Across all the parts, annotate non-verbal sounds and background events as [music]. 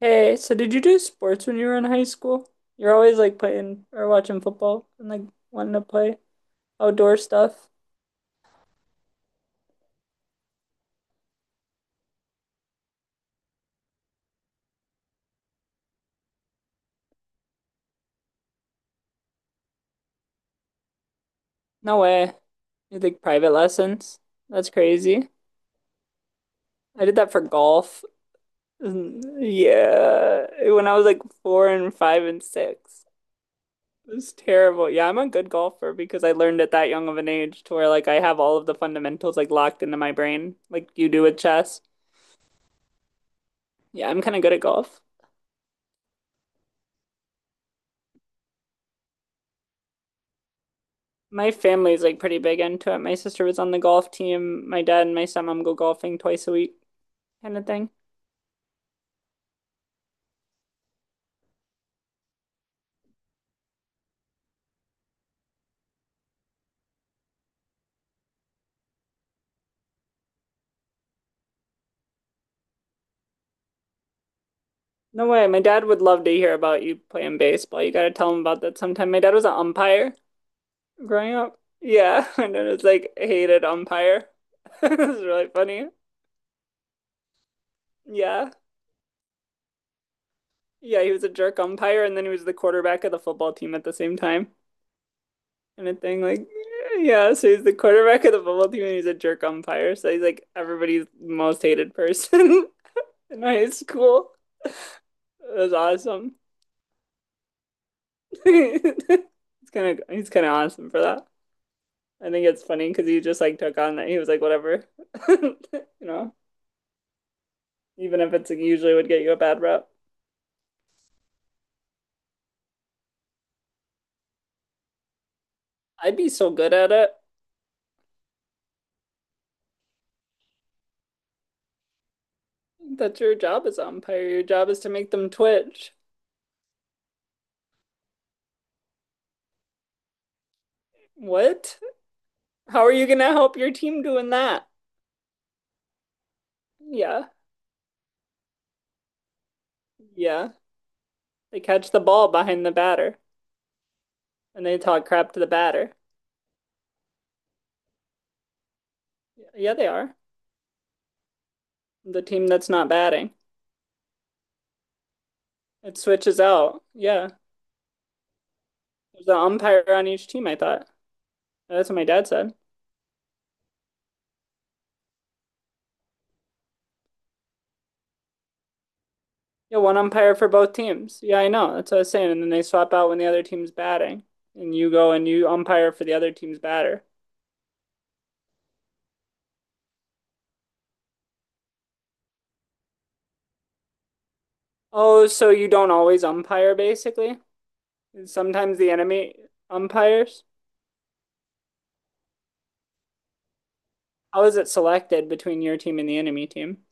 Hey, so did you do sports when you were in high school? You're always like playing or watching football and like wanting to play outdoor stuff. No way. You think private lessons? That's crazy. I did that for golf. Mm, yeah, when I was like 4 and 5 and 6. It was terrible. Yeah, I'm a good golfer because I learned at that young of an age to where like I have all of the fundamentals like locked into my brain, like you do with chess. Yeah, I'm kind of good at golf. My family's like pretty big into it. My sister was on the golf team. My dad and my stepmom go golfing twice a week, kind of thing. No way. My dad would love to hear about you playing baseball. You got to tell him about that sometime. My dad was an umpire growing up. Yeah, [laughs] and it was like hated umpire. [laughs] It was really funny. Yeah. Yeah, he was a jerk umpire and then he was the quarterback of the football team at the same time. And a thing like yeah, so he's the quarterback of the football team and he's a jerk umpire. So he's like everybody's most hated person. [laughs] [laughs] in high school. That's awesome. [laughs] It's kind of he's kind of awesome for that. I think it's funny because he just like took on that he was like whatever, [laughs] you know, even if it's like, usually would get you a bad rep. I'd be so good at it. That's your job as umpire. Your job is to make them twitch. What? How are you gonna help your team doing that? Yeah, yeah. They catch the ball behind the batter and they talk crap to the batter. Yeah, they are. The team that's not batting. It switches out. Yeah. There's an umpire on each team, I thought. That's what my dad said. Yeah, one umpire for both teams. Yeah, I know. That's what I was saying. And then they swap out when the other team's batting. And you go and you umpire for the other team's batter. Oh, so you don't always umpire, basically? Sometimes the enemy umpires? How is it selected between your team and the enemy team?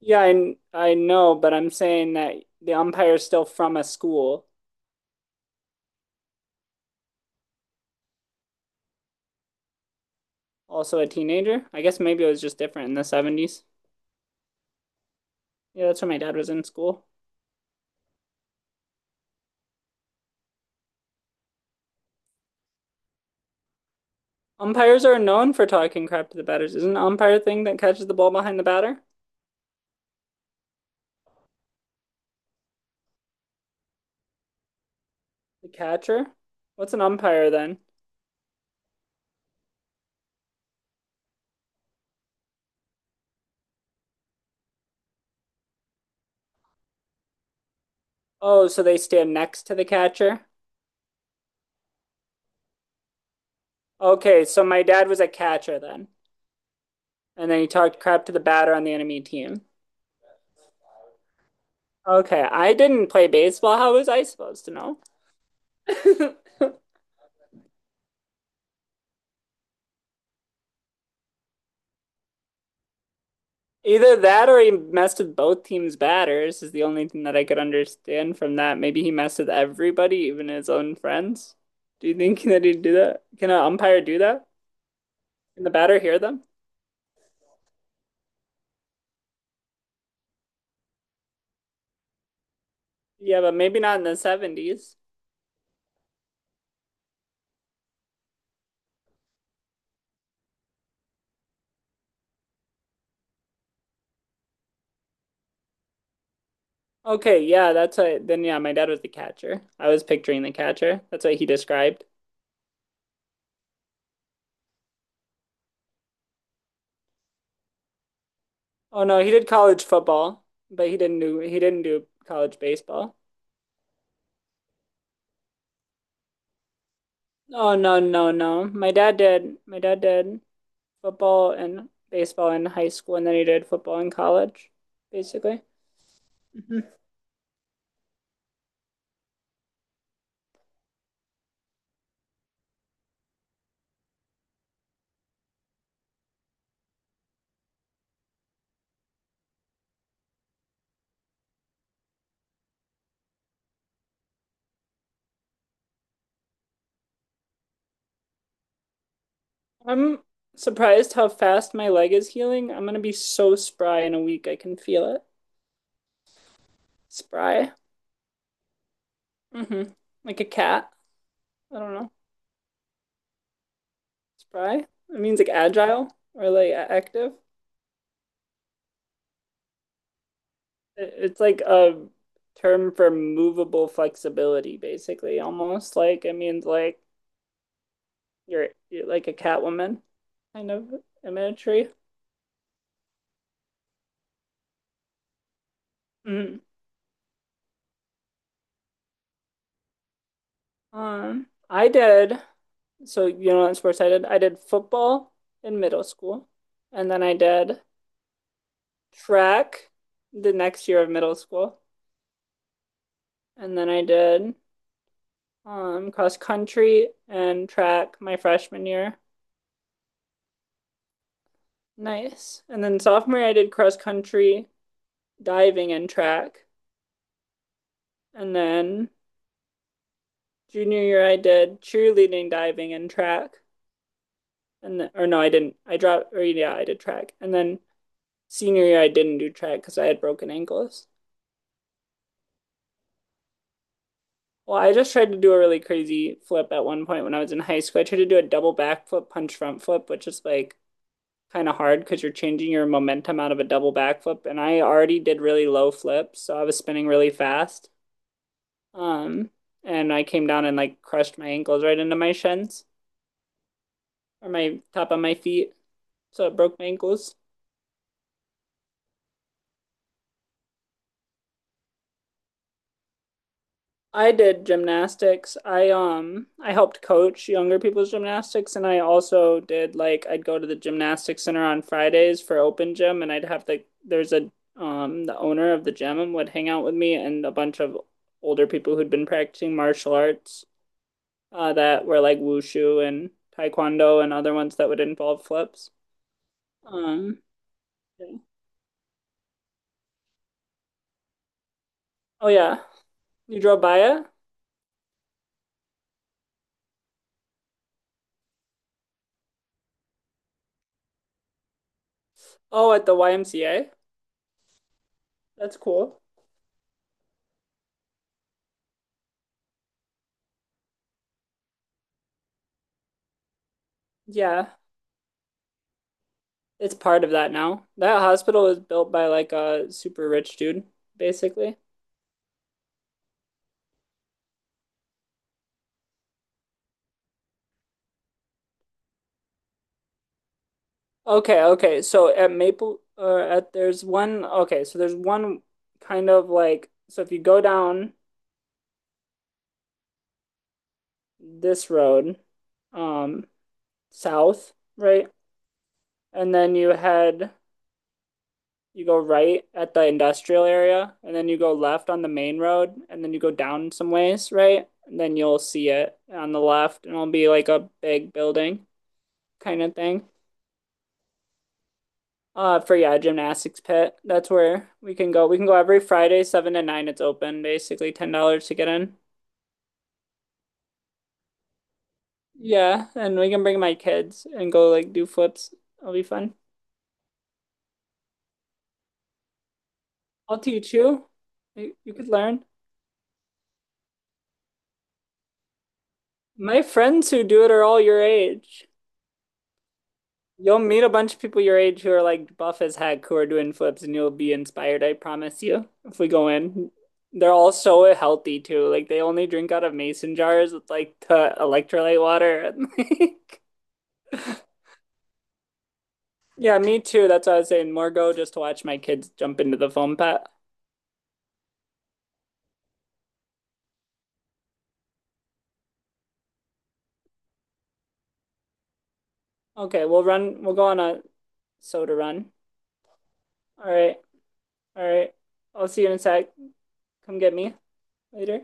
Yeah, I know, but I'm saying that the umpire is still from a school, also a teenager. I guess maybe it was just different in the 70s. Yeah, that's when my dad was in school. Umpires are known for talking crap to the batters. Isn't an umpire thing that catches the ball behind the batter? The catcher? What's an umpire then? Oh, so they stand next to the catcher? Okay, so my dad was a catcher then. And then he talked crap to the batter on the enemy team. Okay, I didn't play baseball. How was I supposed to know? [laughs] Either that or he messed with both teams' batters is the only thing that I could understand from that. Maybe he messed with everybody, even his own friends. Do you think [laughs] that he'd do that? Can an umpire do that? Can the batter hear them? Yeah, but maybe not in the 70s. Okay, yeah, that's what. Then, yeah, my dad was the catcher. I was picturing the catcher. That's what he described. Oh no, he did college football, but he didn't do college baseball. Oh no, no, no. My dad did football and baseball in high school, and then he did football in college, basically. Mhm. I'm surprised how fast my leg is healing. I'm gonna be so spry in a week. I can feel it. Spry. hmm Like a cat. I don't know. Spry? It means like agile or like active. It's like a term for movable flexibility, basically, almost like it means like you're like a Catwoman kind of imagery. Mm. Um, I did, so you know what sports I did? I did football in middle school, and then I did track the next year of middle school, and then I did cross country and track my freshman year. Nice. And then sophomore year, I did cross country, diving, and track. And then junior year, I did cheerleading, diving, and track. And then, or no, I didn't. I dropped, or yeah, I did track. And then senior year, I didn't do track because I had broken ankles. Well, I just tried to do a really crazy flip at one point when I was in high school. I tried to do a double backflip, punch front flip, which is like kind of hard because you're changing your momentum out of a double backflip. And I already did really low flips, so I was spinning really fast. Um, and I came down and like crushed my ankles right into my shins or my top of my feet, so it broke my ankles. I did gymnastics. I helped coach younger people's gymnastics and I also did like I'd go to the gymnastics center on Fridays for open gym and I'd have the there's a the owner of the gym would hang out with me and a bunch of older people who'd been practicing martial arts that were like wushu and taekwondo and other ones that would involve flips. Um yeah. Oh yeah. You drove by it? Oh, at the YMCA? That's cool. Yeah, it's part of that now. That hospital was built by like a super rich dude, basically. Okay, okay. So at Maple or at there's one okay, so there's one kind of like so if you go down this road, um, south, right? And then you go right at the industrial area, and then you go left on the main road, and then you go down some ways, right? And then you'll see it on the left, and it'll be like a big building kind of thing. For yeah, gymnastics pit. That's where we can go. We can go every Friday, 7 to 9. It's open, basically $10 to get in. Yeah, and we can bring my kids and go like do flips. It'll be fun. I'll teach you. You could learn. My friends who do it are all your age. You'll meet a bunch of people your age who are like buff as heck who are doing flips and you'll be inspired, I promise you, if we go in. They're all so healthy too. Like they only drink out of mason jars with like the electrolyte water and like [laughs] Yeah, me too. That's what I was saying. More go just to watch my kids jump into the foam pit. Okay, we'll go on a soda run. All right. All right. I'll see you in a sec. Come get me later.